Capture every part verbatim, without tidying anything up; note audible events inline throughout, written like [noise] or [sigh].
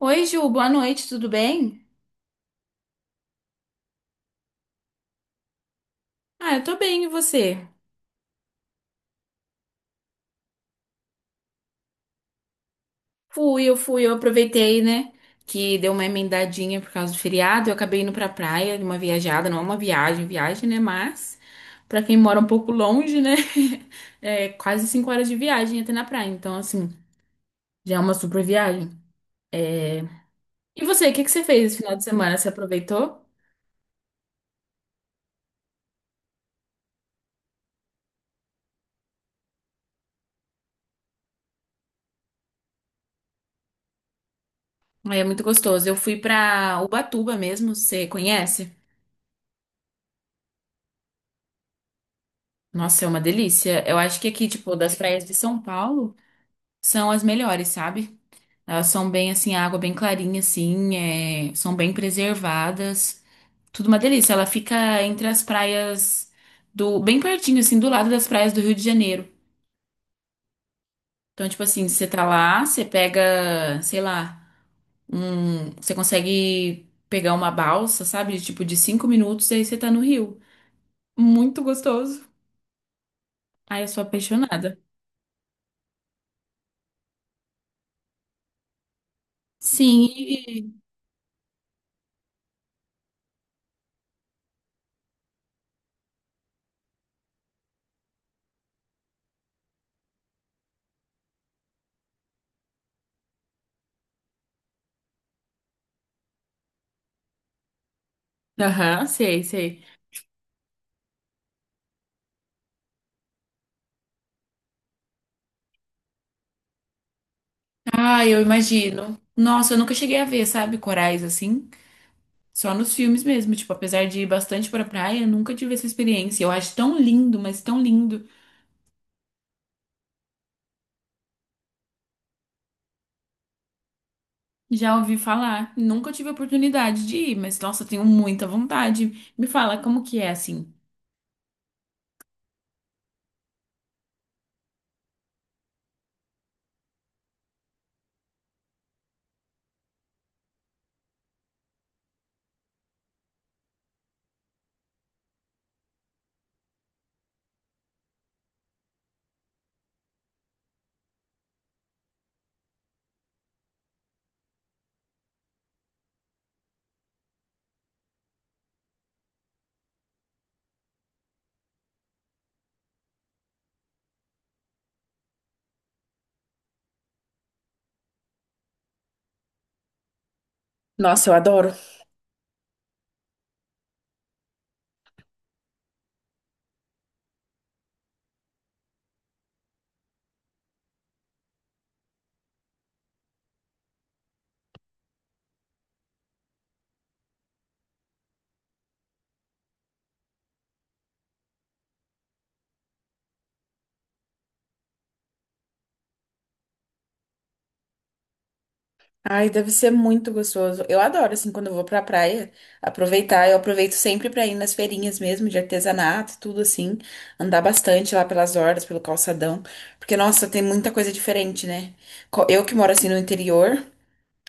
Oi, Ju, boa noite, tudo bem? Ah, eu tô bem, e você? Fui, eu fui, eu aproveitei, né? Que deu uma emendadinha por causa do feriado. Eu acabei indo pra praia, uma viajada, não é uma viagem, viagem, né? Mas, pra quem mora um pouco longe, né? [laughs] É quase cinco horas de viagem até na praia. Então, assim, já é uma super viagem. E você, o que que você fez esse final de semana? Você aproveitou? É muito gostoso. Eu fui pra Ubatuba mesmo, você conhece? Nossa, é uma delícia. Eu acho que aqui, tipo, das praias de São Paulo são as melhores, sabe? Elas são bem assim, a água bem clarinha, assim, é, são bem preservadas. Tudo uma delícia. Ela fica entre as praias do, bem pertinho, assim, do lado das praias do Rio de Janeiro. Então, tipo assim, você tá lá, você pega, sei lá, um, você consegue pegar uma balsa, sabe? Tipo, de cinco minutos, aí você tá no Rio. Muito gostoso. Ai, eu sou apaixonada. Sim, e- Aham, sei, sei. Ah, eu imagino. Nossa, eu nunca cheguei a ver, sabe, corais assim. Só nos filmes mesmo. Tipo, apesar de ir bastante pra praia, nunca tive essa experiência. Eu acho tão lindo, mas tão lindo. Já ouvi falar. Nunca tive a oportunidade de ir, mas nossa, tenho muita vontade. Me fala como que é assim. Nossa, eu adoro. Ai, deve ser muito gostoso. Eu adoro, assim, quando eu vou pra praia, aproveitar. Eu aproveito sempre pra ir nas feirinhas mesmo, de artesanato, tudo assim. Andar bastante lá pelas orlas, pelo calçadão. Porque, nossa, tem muita coisa diferente, né? Co- Eu que moro, assim, no interior,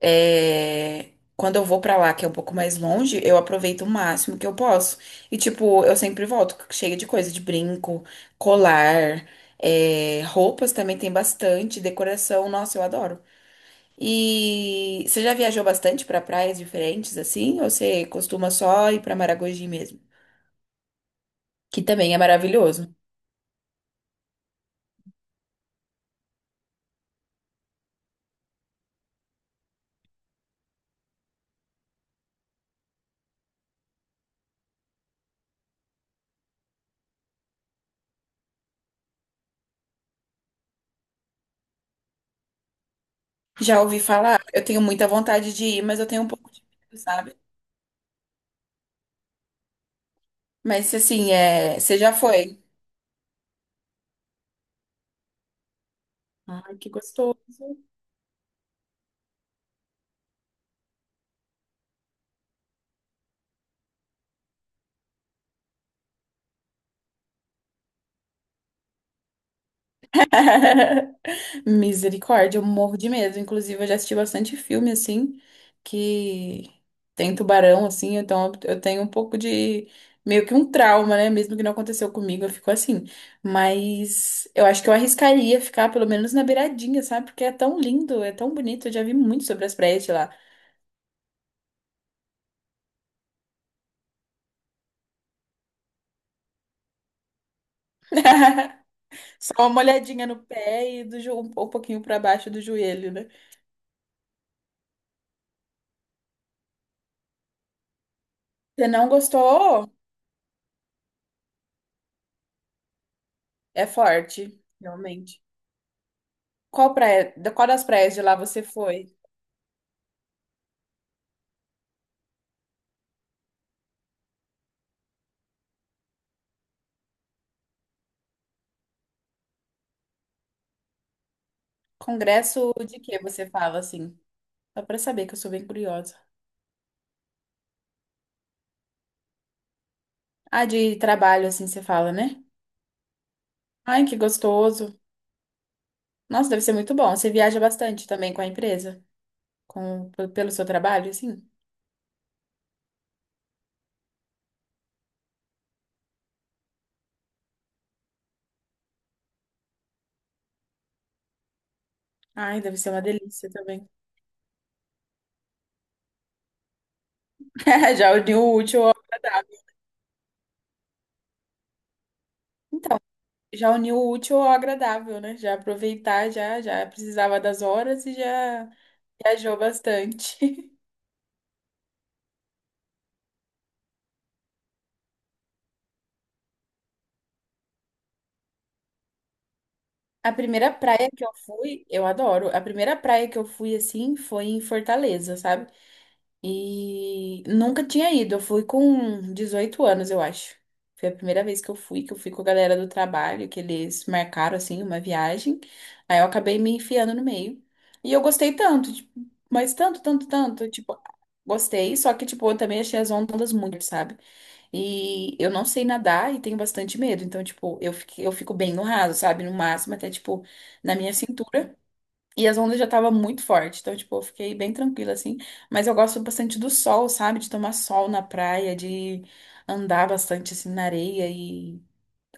é, quando eu vou pra lá, que é um pouco mais longe, eu aproveito o máximo que eu posso. E, tipo, eu sempre volto cheia de coisa, de brinco, colar, é, roupas também tem bastante, decoração. Nossa, eu adoro. E você já viajou bastante para praias diferentes assim? Ou você costuma só ir para Maragogi mesmo? Que também é maravilhoso. Já ouvi falar, eu tenho muita vontade de ir, mas eu tenho um pouco de medo, sabe? Mas assim, é... você já foi? Ai, que gostoso. [laughs] Misericórdia, eu morro de medo. Inclusive, eu já assisti bastante filme assim que tem tubarão assim, então eu eu tenho um pouco de meio que um trauma, né? Mesmo que não aconteceu comigo, eu fico assim. Mas eu acho que eu arriscaria ficar pelo menos na beiradinha, sabe? Porque é tão lindo, é tão bonito. Eu já vi muito sobre as praias de lá. [laughs] Só uma olhadinha no pé e do jo- um pouquinho pra baixo do joelho, né? Você não gostou? É forte, realmente. Qual praia, da- qual das praias de lá você foi? Congresso de que você fala, assim? Só pra saber que eu sou bem curiosa. Ah, de trabalho, assim, você fala, né? Ai, que gostoso. Nossa, deve ser muito bom. Você viaja bastante também com a empresa? Com, pe- pelo seu trabalho, assim? Ai, deve ser uma delícia também. [laughs] Já uniu o útil ao agradável. Então, já uniu o útil ao agradável, né? Já aproveitar, já, já precisava das horas e já viajou bastante. A primeira praia que eu fui, eu adoro. A primeira praia que eu fui assim foi em Fortaleza, sabe? E nunca tinha ido. Eu fui com dezoito anos, eu acho. Foi a primeira vez que eu fui, que eu fui com a galera do trabalho, que eles marcaram assim uma viagem. Aí eu acabei me enfiando no meio. E eu gostei tanto, tipo, mas tanto, tanto, tanto, tipo, gostei, só que tipo, eu também achei as ondas muito, sabe? E eu não sei nadar e tenho bastante medo. Então, tipo, eu fico, eu fico bem no raso, sabe? No máximo, até, tipo, na minha cintura. E as ondas já estavam muito fortes. Então, tipo, eu fiquei bem tranquila, assim. Mas eu gosto bastante do sol, sabe? De tomar sol na praia, de andar bastante, assim, na areia. E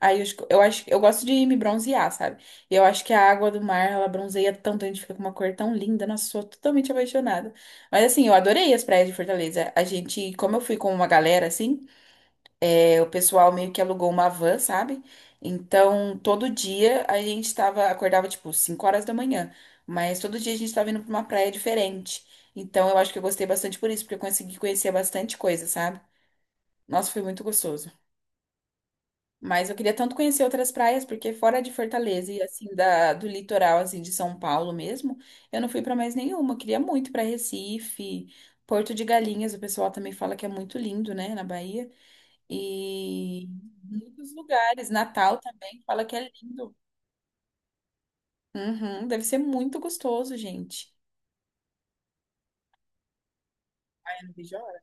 aí eu, acho que- eu acho, eu gosto de me bronzear, sabe? E eu acho que a água do mar, ela bronzeia tanto, a gente fica com uma cor tão linda. Nossa, sou totalmente apaixonada. Mas, assim, eu adorei as praias de Fortaleza. A gente, como eu fui com uma galera, assim. É, o pessoal meio que alugou uma van, sabe? Então, todo dia a gente tava, acordava tipo cinco horas da manhã, mas todo dia a gente tava indo pra uma praia diferente. Então, eu acho que eu gostei bastante por isso, porque eu consegui conhecer bastante coisa, sabe? Nossa, foi muito gostoso. Mas eu queria tanto conhecer outras praias, porque fora de Fortaleza e assim da, do litoral assim de São Paulo mesmo, eu não fui pra mais nenhuma. Eu queria muito pra Recife, Porto de Galinhas, o pessoal também fala que é muito lindo, né, na Bahia. E muitos lugares. Natal também, fala que é lindo. Uhum, deve ser muito gostoso, gente. Ai, eu não vejo a hora.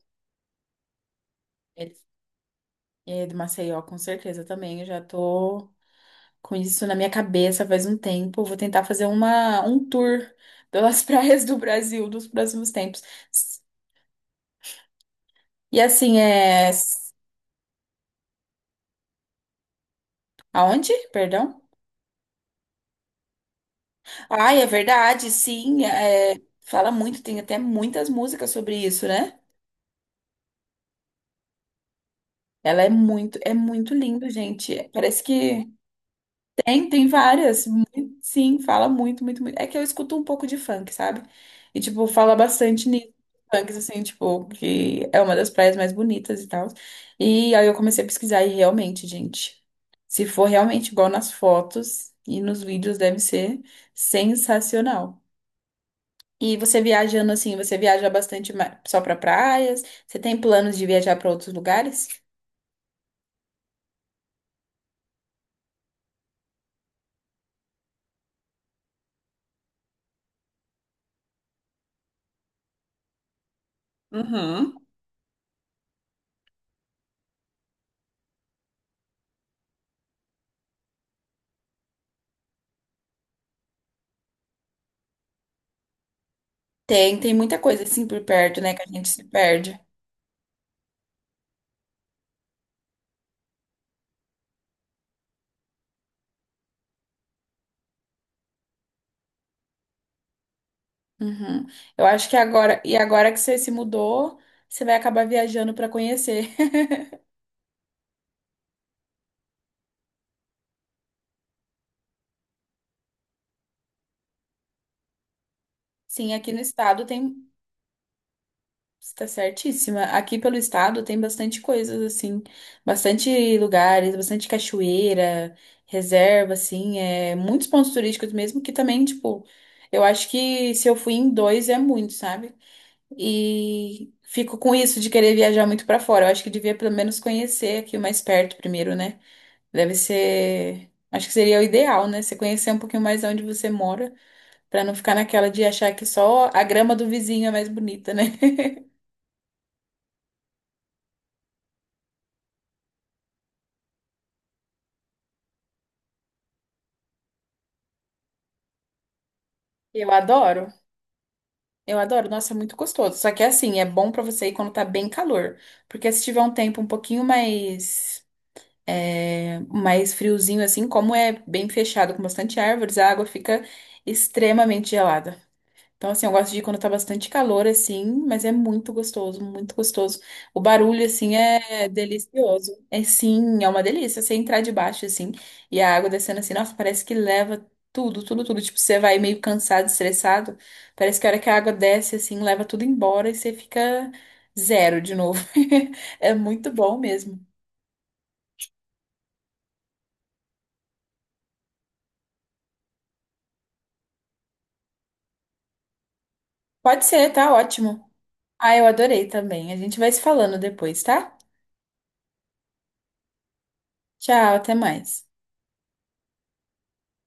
Ele- É do Maceió, com certeza também. Eu já tô com isso na minha cabeça faz um tempo. Eu Vou tentar fazer uma, um tour pelas [laughs] praias do Brasil dos próximos tempos. E assim, é. Aonde? Perdão? Ai, é verdade, sim. é, Fala muito, tem até muitas músicas sobre isso, né? Ela é muito, é muito lindo, gente. Parece que Tem, tem várias. Mu- Sim, fala muito, muito, muito. É que eu escuto um pouco de funk, sabe? E, tipo, fala bastante nisso. Funks, assim, tipo, que é uma das praias mais bonitas e tal. E aí eu comecei a pesquisar e realmente, gente, se for realmente igual nas fotos e nos vídeos, deve ser sensacional. E você viajando assim, você viaja bastante ma- só pra praias? Você tem planos de viajar pra outros lugares? Uhum. Tem, tem muita coisa assim por perto, né, que a gente se perde. Uhum. Eu acho que agora, e agora que você se mudou, você vai acabar viajando para conhecer. [laughs] Sim, aqui no estado tem, está certíssima. Aqui pelo estado tem bastante coisas assim, bastante lugares, bastante cachoeira, reserva assim, é muitos pontos turísticos mesmo que também, tipo, eu acho que se eu fui em dois é muito, sabe? E fico com isso de querer viajar muito para fora. Eu acho que devia pelo menos conhecer aqui o mais perto primeiro, né? Deve ser. Acho que seria o ideal, né? Você conhecer um pouquinho mais onde você mora, pra não ficar naquela de achar que só a grama do vizinho é mais bonita, né? [laughs] Eu adoro. Eu adoro. Nossa, é muito gostoso. Só que é assim, é bom pra você ir quando tá bem calor. Porque se tiver um tempo um pouquinho mais é, mais friozinho assim, como é bem fechado com bastante árvores, a água fica extremamente gelada. Então, assim, eu gosto de ir quando tá bastante calor, assim, mas é muito gostoso, muito gostoso. O barulho, assim, é delicioso. É sim, é uma delícia. Você entrar debaixo, assim, e a água descendo assim, nossa, parece que leva tudo, tudo, tudo. Tipo, você vai meio cansado, estressado, parece que a hora que a água desce, assim, leva tudo embora e você fica zero de novo. [laughs] É muito bom mesmo. Pode ser, tá ótimo. Ah, eu adorei também. A gente vai se falando depois, tá? Tchau, até mais.